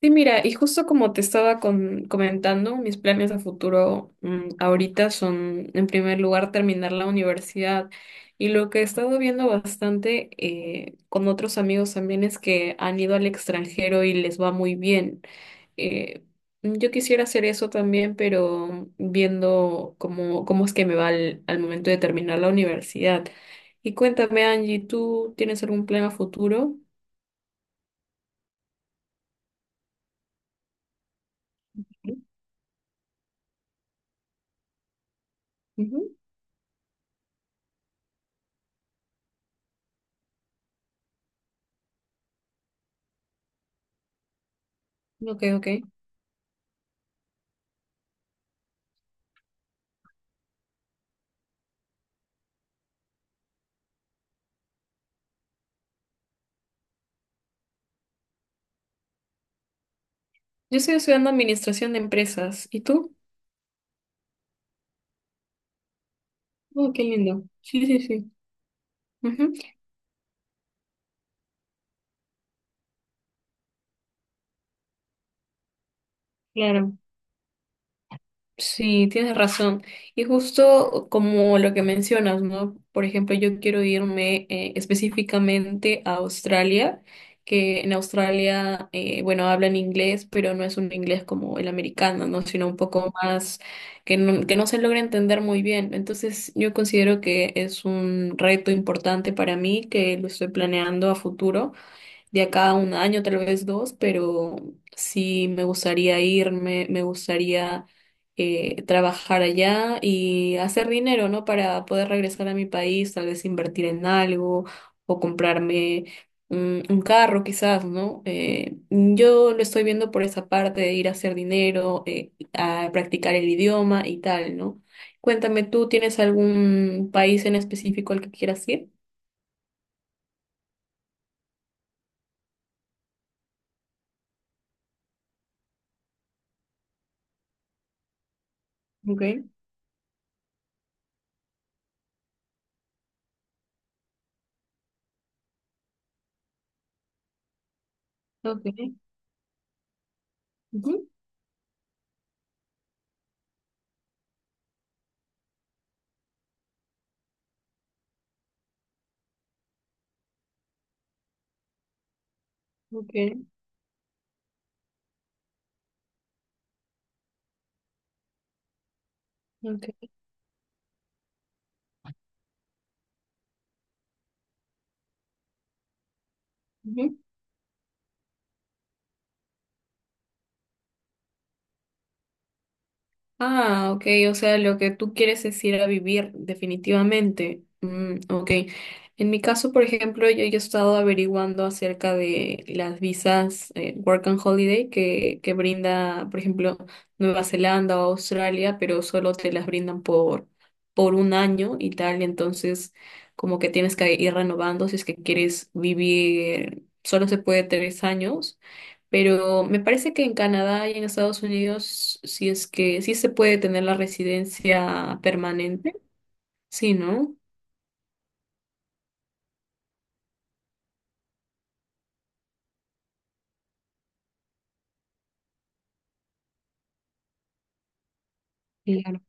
Sí, mira, y justo como te estaba comentando, mis planes a futuro ahorita son, en primer lugar, terminar la universidad. Y lo que he estado viendo bastante con otros amigos también es que han ido al extranjero y les va muy bien. Eh, yo quisiera hacer eso también, pero viendo cómo es que me va al momento de terminar la universidad. Y cuéntame, Angie, ¿tú tienes algún plan a futuro? Ujú. Ok, ok. Yo estoy estudiando administración de empresas. ¿Y tú? Oh, qué lindo. Sí, sí, sí. Ujú. Claro. Sí, tienes razón. Y justo como lo que mencionas, ¿no? Por ejemplo, yo quiero irme específicamente a Australia, que en Australia, bueno, hablan inglés, pero no es un inglés como el americano, ¿no? Sino un poco más que no se logra entender muy bien. Entonces, yo considero que es un reto importante para mí, que lo estoy planeando a futuro de acá a un año, tal vez dos, pero sí me gustaría irme, me gustaría trabajar allá y hacer dinero, ¿no? Para poder regresar a mi país, tal vez invertir en algo o comprarme un carro, quizás, ¿no? Yo lo estoy viendo por esa parte de ir a hacer dinero, a practicar el idioma y tal, ¿no? Cuéntame, ¿tú tienes algún país en específico al que quieras ir? Okay, okay, ujú, okay, ok. Ujú. Ah, ok, o sea, lo que tú quieres es ir a vivir definitivamente. Mm, ok. En mi caso, por ejemplo, yo he estado averiguando acerca de las visas Work and Holiday que brinda, por ejemplo, Nueva Zelanda o Australia, pero solo te las brindan por un año y tal, entonces como que tienes que ir renovando si es que quieres vivir, solo se puede 3 años. Pero me parece que en Canadá y en Estados Unidos, si es que sí se puede tener la residencia permanente, sí, ¿no? Claro,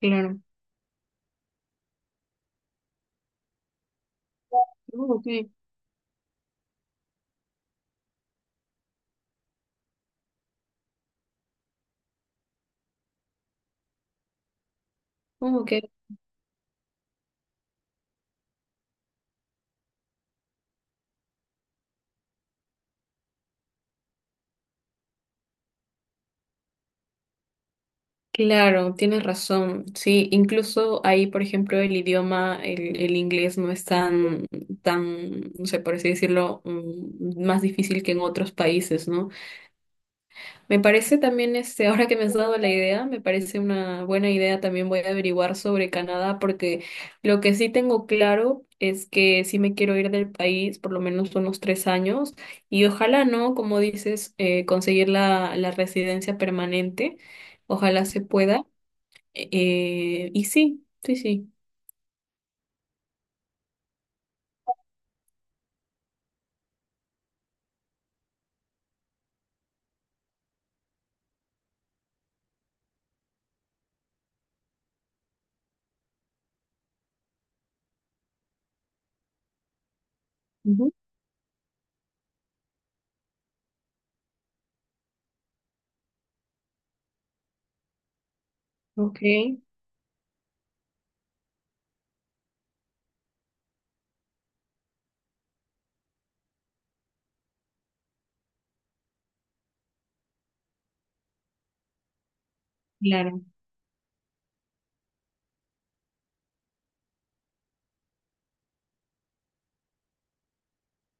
claro. Oh, ok. Oh, ok. Claro, tienes razón. Sí, incluso ahí, por ejemplo, el idioma, el inglés no es tan, no sé, por así decirlo, más difícil que en otros países, ¿no? Me parece también, este, ahora que me has dado la idea, me parece una buena idea. También voy a averiguar sobre Canadá, porque lo que sí tengo claro es que sí me quiero ir del país por lo menos unos 3 años y ojalá, ¿no? Como dices, conseguir la residencia permanente. Ojalá se pueda. Y sí, sí, sí. Ujú. Ok, claro.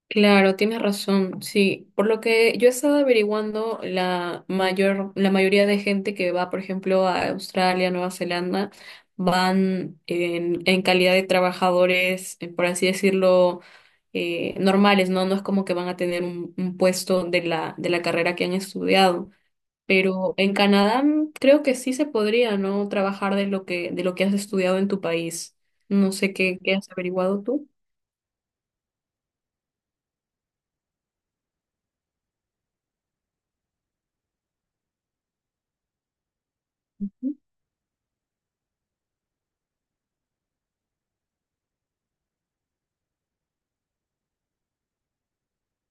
Claro, tienes razón, sí. Por lo que yo he estado averiguando, la mayoría de gente que va, por ejemplo, a Australia, Nueva Zelanda, van en calidad de trabajadores, por así decirlo, normales, ¿no? No es como que van a tener un puesto de la carrera que han estudiado. Pero en Canadá creo que sí se podría, ¿no? Trabajar de lo que has estudiado en tu país. No sé qué has averiguado tú.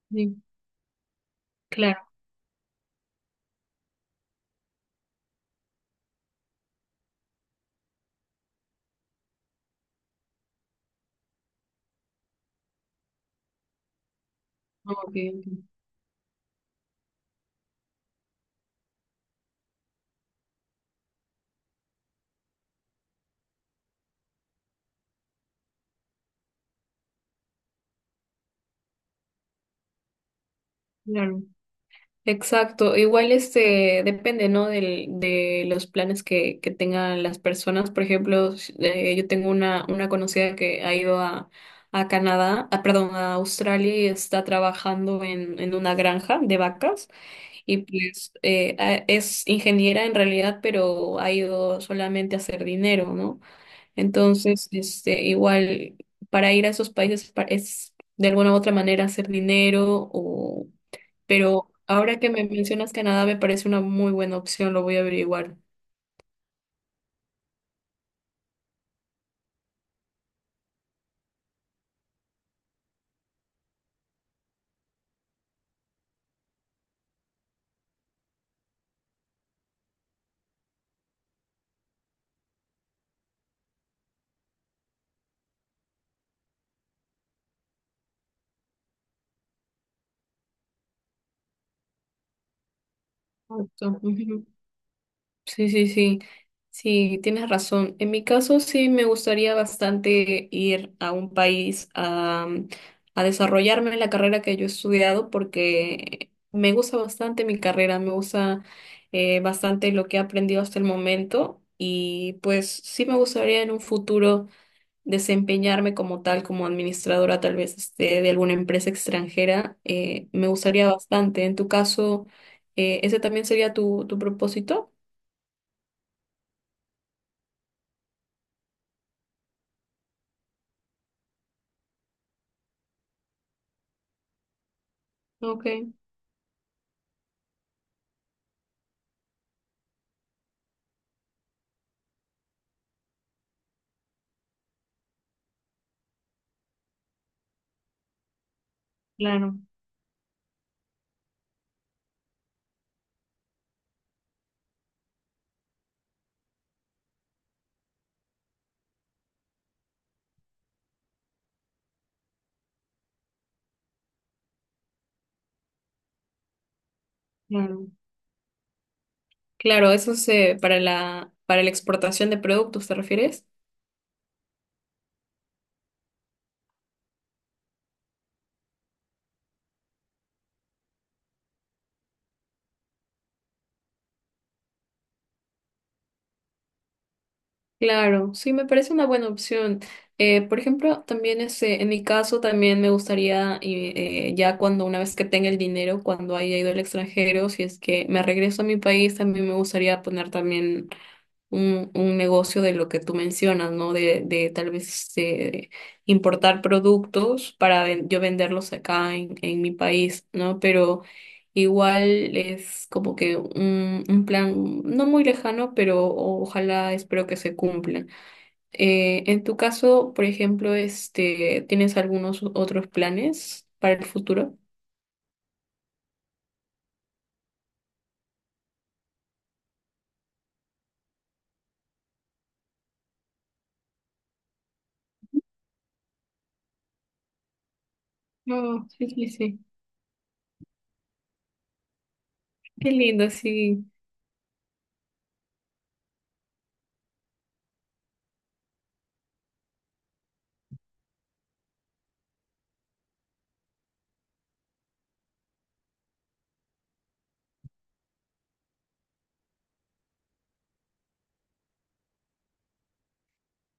Sí, claro. Ok, ok. Claro. Exacto. Igual este depende, ¿no? De los planes que tengan las personas. Por ejemplo, yo tengo una conocida que ha ido a Canadá, ah, perdón, a Australia y está trabajando en una granja de vacas y pues es ingeniera en realidad, pero ha ido solamente a hacer dinero, ¿no? Entonces, este, igual para ir a esos países es de alguna u otra manera hacer dinero, pero ahora que me mencionas Canadá, me parece una muy buena opción, lo voy a averiguar. Exacto, ujú. Sí, sí, sí. Sí, tienes razón. En mi caso, sí me gustaría bastante ir a un país a desarrollarme en la carrera que yo he estudiado porque me gusta bastante mi carrera, me gusta bastante lo que he aprendido hasta el momento y pues sí me gustaría en un futuro desempeñarme como tal, como administradora tal vez este, de alguna empresa extranjera, me gustaría bastante. En tu caso, ¿ese también sería tu propósito? Ok, claro, claro. Claro, eso es para la exportación de productos, ¿te refieres? Claro, sí, me parece una buena opción. Por ejemplo, también este, en mi caso, también me gustaría, ya cuando una vez que tenga el dinero, cuando haya ido al extranjero, si es que me regreso a mi país, también me gustaría poner también un negocio de lo que tú mencionas, ¿no? De tal vez importar productos para yo venderlos acá en mi país, ¿no? Pero igual es como que un plan no muy lejano, pero ojalá espero que se cumpla. En tu caso, por ejemplo, este, ¿tienes algunos otros planes para el futuro? Oh, sí, sí, sí. Qué lindo, sí.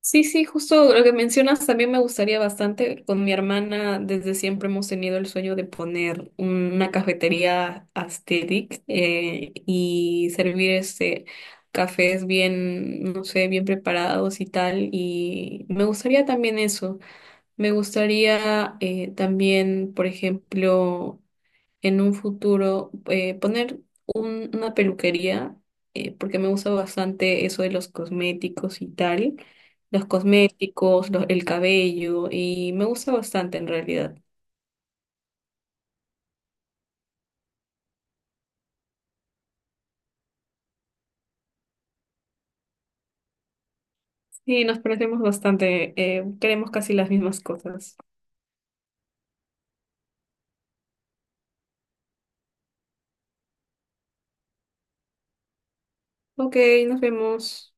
Sí, sí, justo lo que mencionas también me gustaría bastante. Con mi hermana desde siempre hemos tenido el sueño de poner una cafetería aesthetic y servir este cafés bien, no sé, bien preparados y tal. Y me gustaría también eso. Me gustaría también, por ejemplo, en un futuro poner una peluquería, porque me gusta bastante eso de los cosméticos y tal, los cosméticos, el cabello, y me gusta bastante en realidad. Sí, nos parecemos bastante, queremos casi las mismas cosas. Ok, nos vemos.